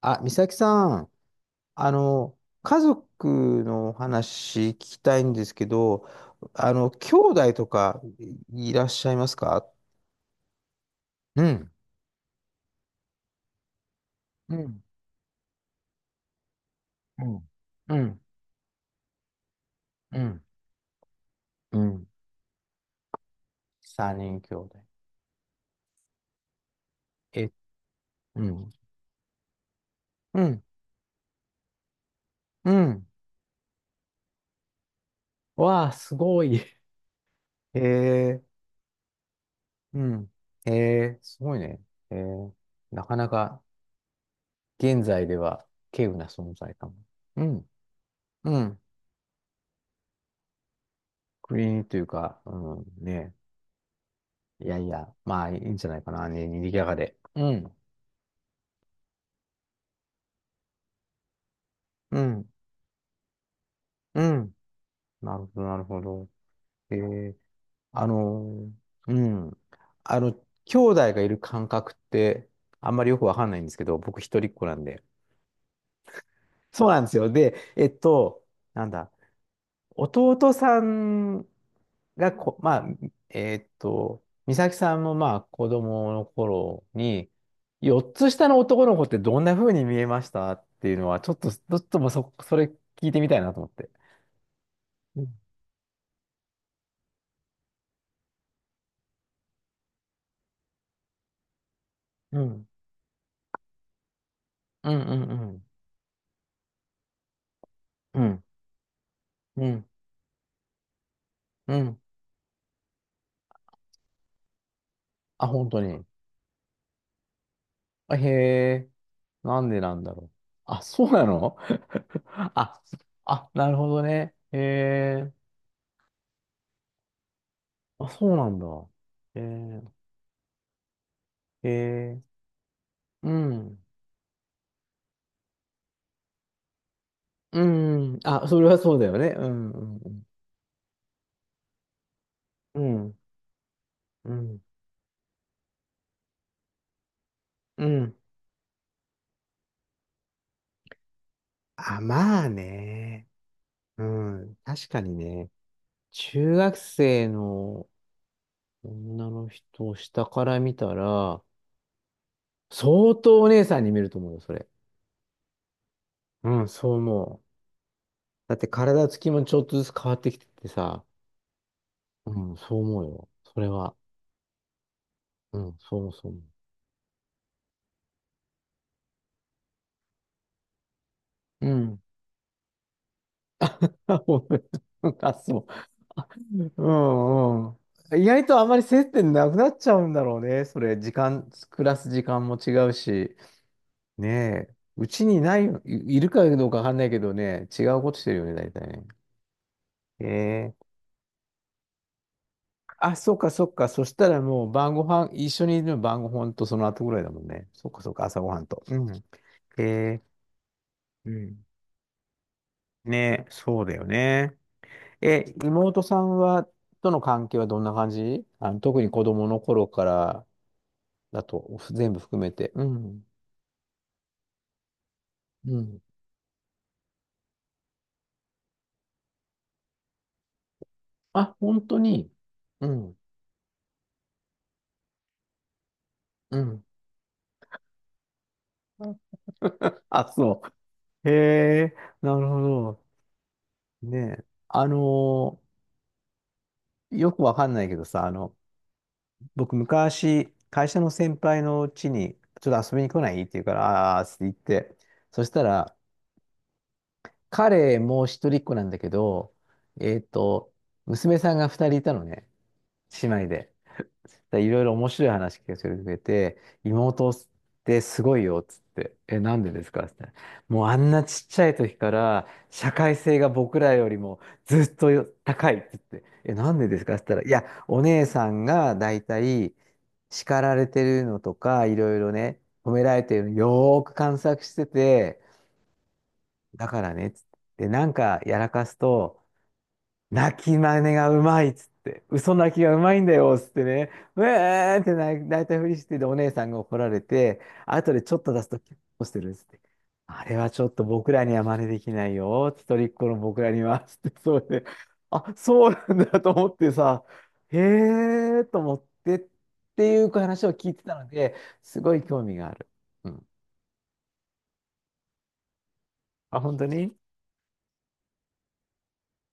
あ、美咲さん、あの、家族のお話聞きたいんですけど、兄弟とかいらっしゃいますか？うん、うん、うん、うん、うん、うん。三人兄弟。え、うん、うん、うん。わあ、すごい。へえ、うん。へえ、すごいね。へえ、なかなか現在では稀有な存在かも。うん、うん。国というか、うん、ね。いやいや、まあいいんじゃないかな、にぎやかで。うん、うん、うん。なるほど、なるほど。えー、あのうん。あの、兄弟がいる感覚って、あんまりよくわかんないんですけど、僕一人っ子なんで。そうなんですよ。で、なんだ、弟さんがまあ、美咲さんもまあ子供の頃に、4つ下の男の子ってどんな風に見えましたっていうのは、ちょっともうそれ聞いてみたいなと思って。うん、うん、うん、うん、うん、うん、うん。あ、本当に。あ、へえ、なんでなんだろう。あ、そうなの。 あ、あ、なるほどね。へえ、あ、そうなんだ。へえ、へえ、うん。うん。あ、それはそうだよね。うん、うん、うん。うん、うん。うん、あ、まあね。うん。確かにね。中学生の女の人を下から見たら、相当お姉さんに見えると思うよ、それ。うん、そう思う。だって体つきもちょっとずつ変わってきててさ。うん、そう思うよ。それは。うん、そう思う、そう思う。うん。あ、もう、あ、そう。うんうん。意外とあまり接点なくなっちゃうんだろうね。それ、時間、暮らす時間も違うし。ねえ。うちにないよ、いるかどうかわかんないけどね、違うことしてるよね、大体ね。ええ。あ、そっかそっか。そしたらもう晩ご飯、一緒にいるの晩ご飯とその後ぐらいだもんね。そっかそっか、朝ご飯と。うん。ええ。うん。ねえ、そうだよね。え、妹さんは、との関係はどんな感じ、特に子供の頃からだと、全部含めて。うん。うん。あ、本当に。うん。うん。あ、そう。へえ、なるほど。ねえ。よくわかんないけどさ、僕昔、会社の先輩の家に、ちょっと遊びに来ないって言うから、ああー、って言って。そしたら、彼も一人っ子なんだけど、えっと、娘さんが二人いたのね。姉妹で。でいろいろ面白い話聞かせてくれて、妹ってすごいよっつって、え、なんでですかって、もうあんなちっちゃい時から社会性が僕らよりもずっとよ高いっつって、え、なんでですかって言ったら、いや、お姉さんがだいたい叱られてるのとか、いろいろね、褒められてるのよーく観察してて、だからねっつって、でなんかやらかすと、泣き真似がうまいっつって、嘘泣きがうまいんだよっつってね、うえーって泣いたふりしてで、お姉さんが怒られて、後でちょっと出すと、結構してるっつって、あれはちょっと僕らには真似できないよ、一人っ子の僕らには、つって、そうで、あ、そうなんだと思ってさ、へえーと思ってっていう話を聞いてたので、すごい興味がある。うん。あ、本当に。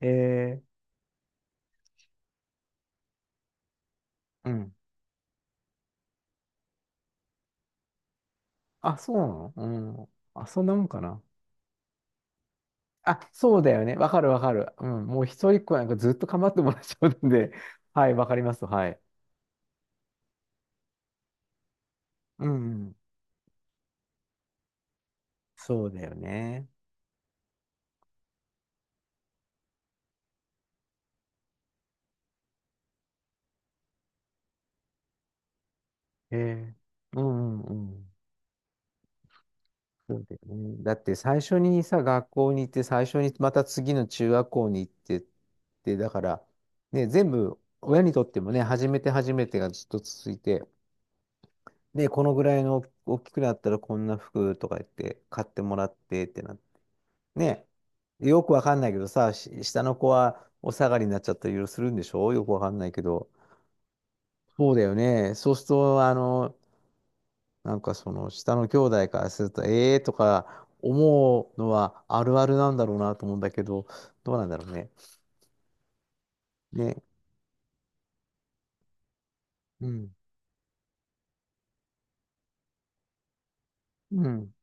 えうん。あ、そうなの。うん。あ、そんなもんかな。あ、そうだよね。わかるわかる。うん。もう一人っ子なんかずっと構ってもらっちゃうんで。はい、わかります。はい。うん、うん。そうだよね。ええ。うんうんうん。そうだよね。だって最初にさ、学校に行って、最初にまた次の中学校に行ってって、だから、ね、全部、親にとってもね、初めて初めてがずっと続いて、で、このぐらいの大きくなったらこんな服とか言って買ってもらってってなっ、ねえ、よくわかんないけどさ、下の子はお下がりになっちゃったりいろいろするんでしょ、よくわかんないけど。そうだよね。そうすると、なんかその下の兄弟からすると、ええーとか思うのはあるあるなんだろうなと思うんだけど、どうなんだろうね。ね。うん。うん。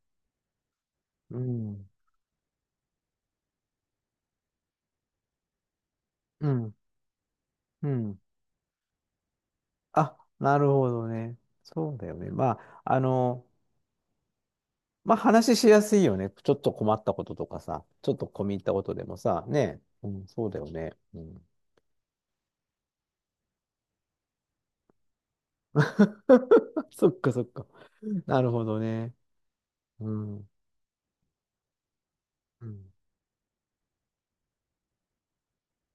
うん。うん。うん。あ、なるほどね。そうだよね。まあ、まあ話しやすいよね。ちょっと困ったこととかさ、ちょっと込み入ったことでもさ、ねえ、うん、そうだよね。うん。そっかそっか。なるほどね。うん。うん、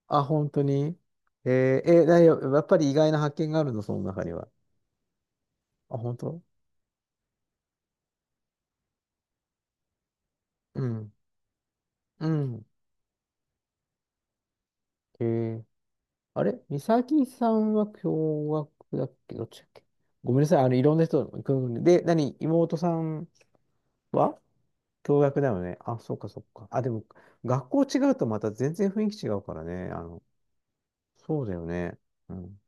あ、本当に。えだよ、やっぱり意外な発見があるの、その中には。あ、本当。うん。うん。えー、あれ美咲さんは共学だっけ、どっちだっけ、ごめんなさい。いろんな人、で、妹さんは共学だよね。あ、そっかそっか。あ、でも、学校違うとまた全然雰囲気違うからね。そうだよね。うん。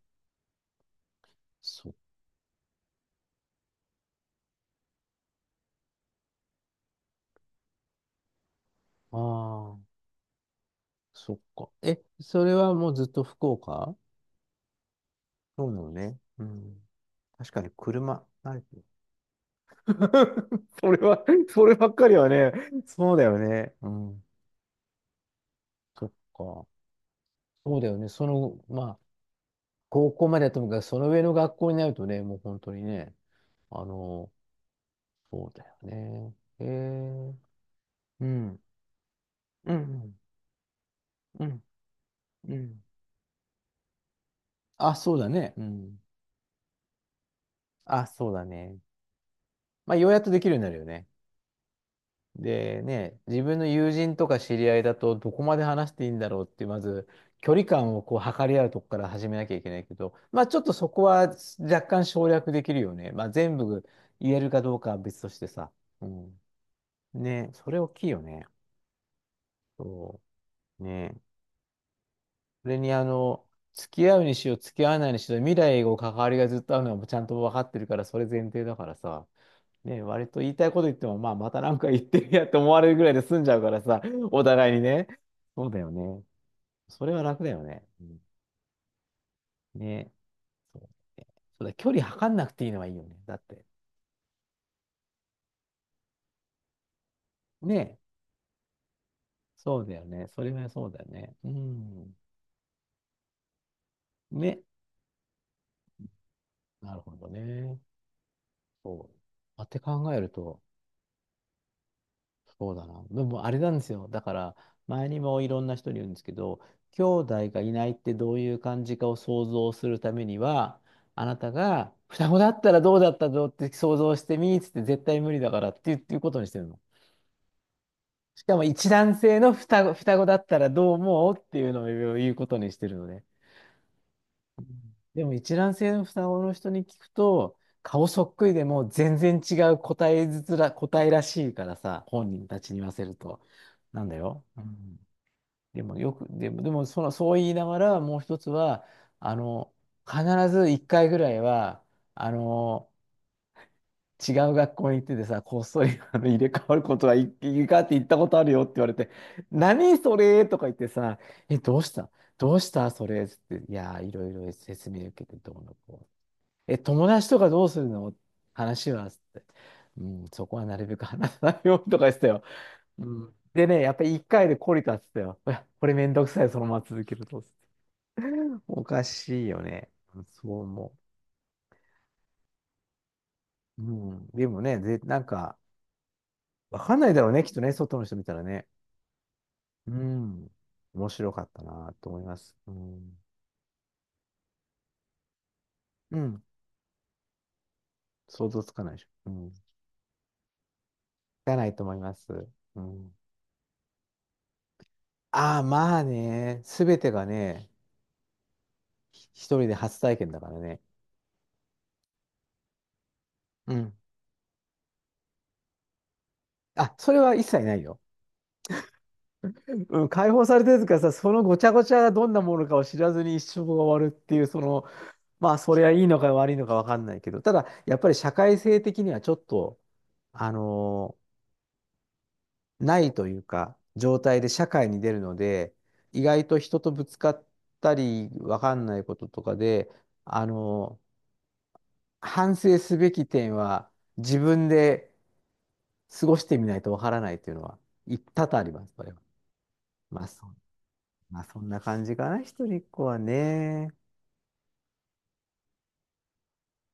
そっああ、そっか。え、それはもうずっと福岡、そうだよね。うん。確かに車、慣れてる。 そればっかりはね、そうだよね。うん。そっか。そうだよね。その、まあ、高校まではともかく、その上の学校になるとね、もう本当にね、あの、そうだよね。へえ。うん。うん。うん。うん。あ、そうだね。うん。あ、そうだね。まあ、ようやっとできるようになるよね。でね、自分の友人とか知り合いだと、どこまで話していいんだろうって、まず、距離感をこう測り合うとこから始めなきゃいけないけど、まあ、ちょっとそこは若干省略できるよね。まあ、全部言えるかどうかは別としてさ。うん。ね、それ大きいよね。そう。ね。それに付き合うにしろ付き合わないにしろ未来を関わりがずっとあるのはちゃんと分かってるからそれ前提だからさ、ね、割と言いたいこと言っても、まあ、またなんか言ってるやって思われるぐらいで済んじ ゃうからさ、お互いにね。そうだよね。それは楽だよね。うん、ね。そう、そうだ、距離測んなくていいのはいいよね。だって。ね。そうだよね。それはそうだよね。うん。ね。なるほどね。そう。まあって考えると、そうだな。でもあれなんですよ。だから、前にもいろんな人に言うんですけど、兄弟がいないってどういう感じかを想像するためには、あなたが双子だったらどうだったぞって想像してみーっつって絶対無理だからって言うっていうことにしてるの。しかも一卵性の双子だったらどう思うっていうのを言うことにしてるのね。でも一卵性の双子の人に聞くと、顔そっくりでも全然違う答えずつら、答えらしいからさ、本人たちに言わせると。なんだよ。うん。でもその、そう言いながら、もう一つは、あの、必ず一回ぐらいは、あの、違う学校に行っててさ、こっそり入れ替わることがいいかって言ったことあるよって言われて、何それとか言ってさ、え、どうしたどうしたそれつって、いやー、いろいろ説明受けてどうのこう。え、友達とかどうするの話はつって、うん、そこはなるべく話さないようにとか言ってたよ。うん。でね、やっぱり一回で懲りたっつったよ。これめんどくさい、そのまま続けると。おかしいよね。そう思う。うん。でもね、なんか、わかんないだろうね、きっとね、外の人見たらね。うん。面白かったなと思います。うん。うん。想像つかないでしょ。うん。つかないと思います。うん。ああ、まあね、すべてがね、一人で初体験だからね。うん。あ、それは一切ないよ。うん、解放されてるからさ、そのごちゃごちゃがどんなものかを知らずに一生が終わるっていう、その、まあ、それはいいのか悪いのかわかんないけど、ただ、やっぱり社会性的にはちょっと、あのーないというか、状態で社会に出るので、意外と人とぶつかったり、わかんないこととかで、あのー反省すべき点は、自分で過ごしてみないとわからないっていうのは、多々あります、それは。まあ、そんまあ、そんな感じかな、一人っ子はね。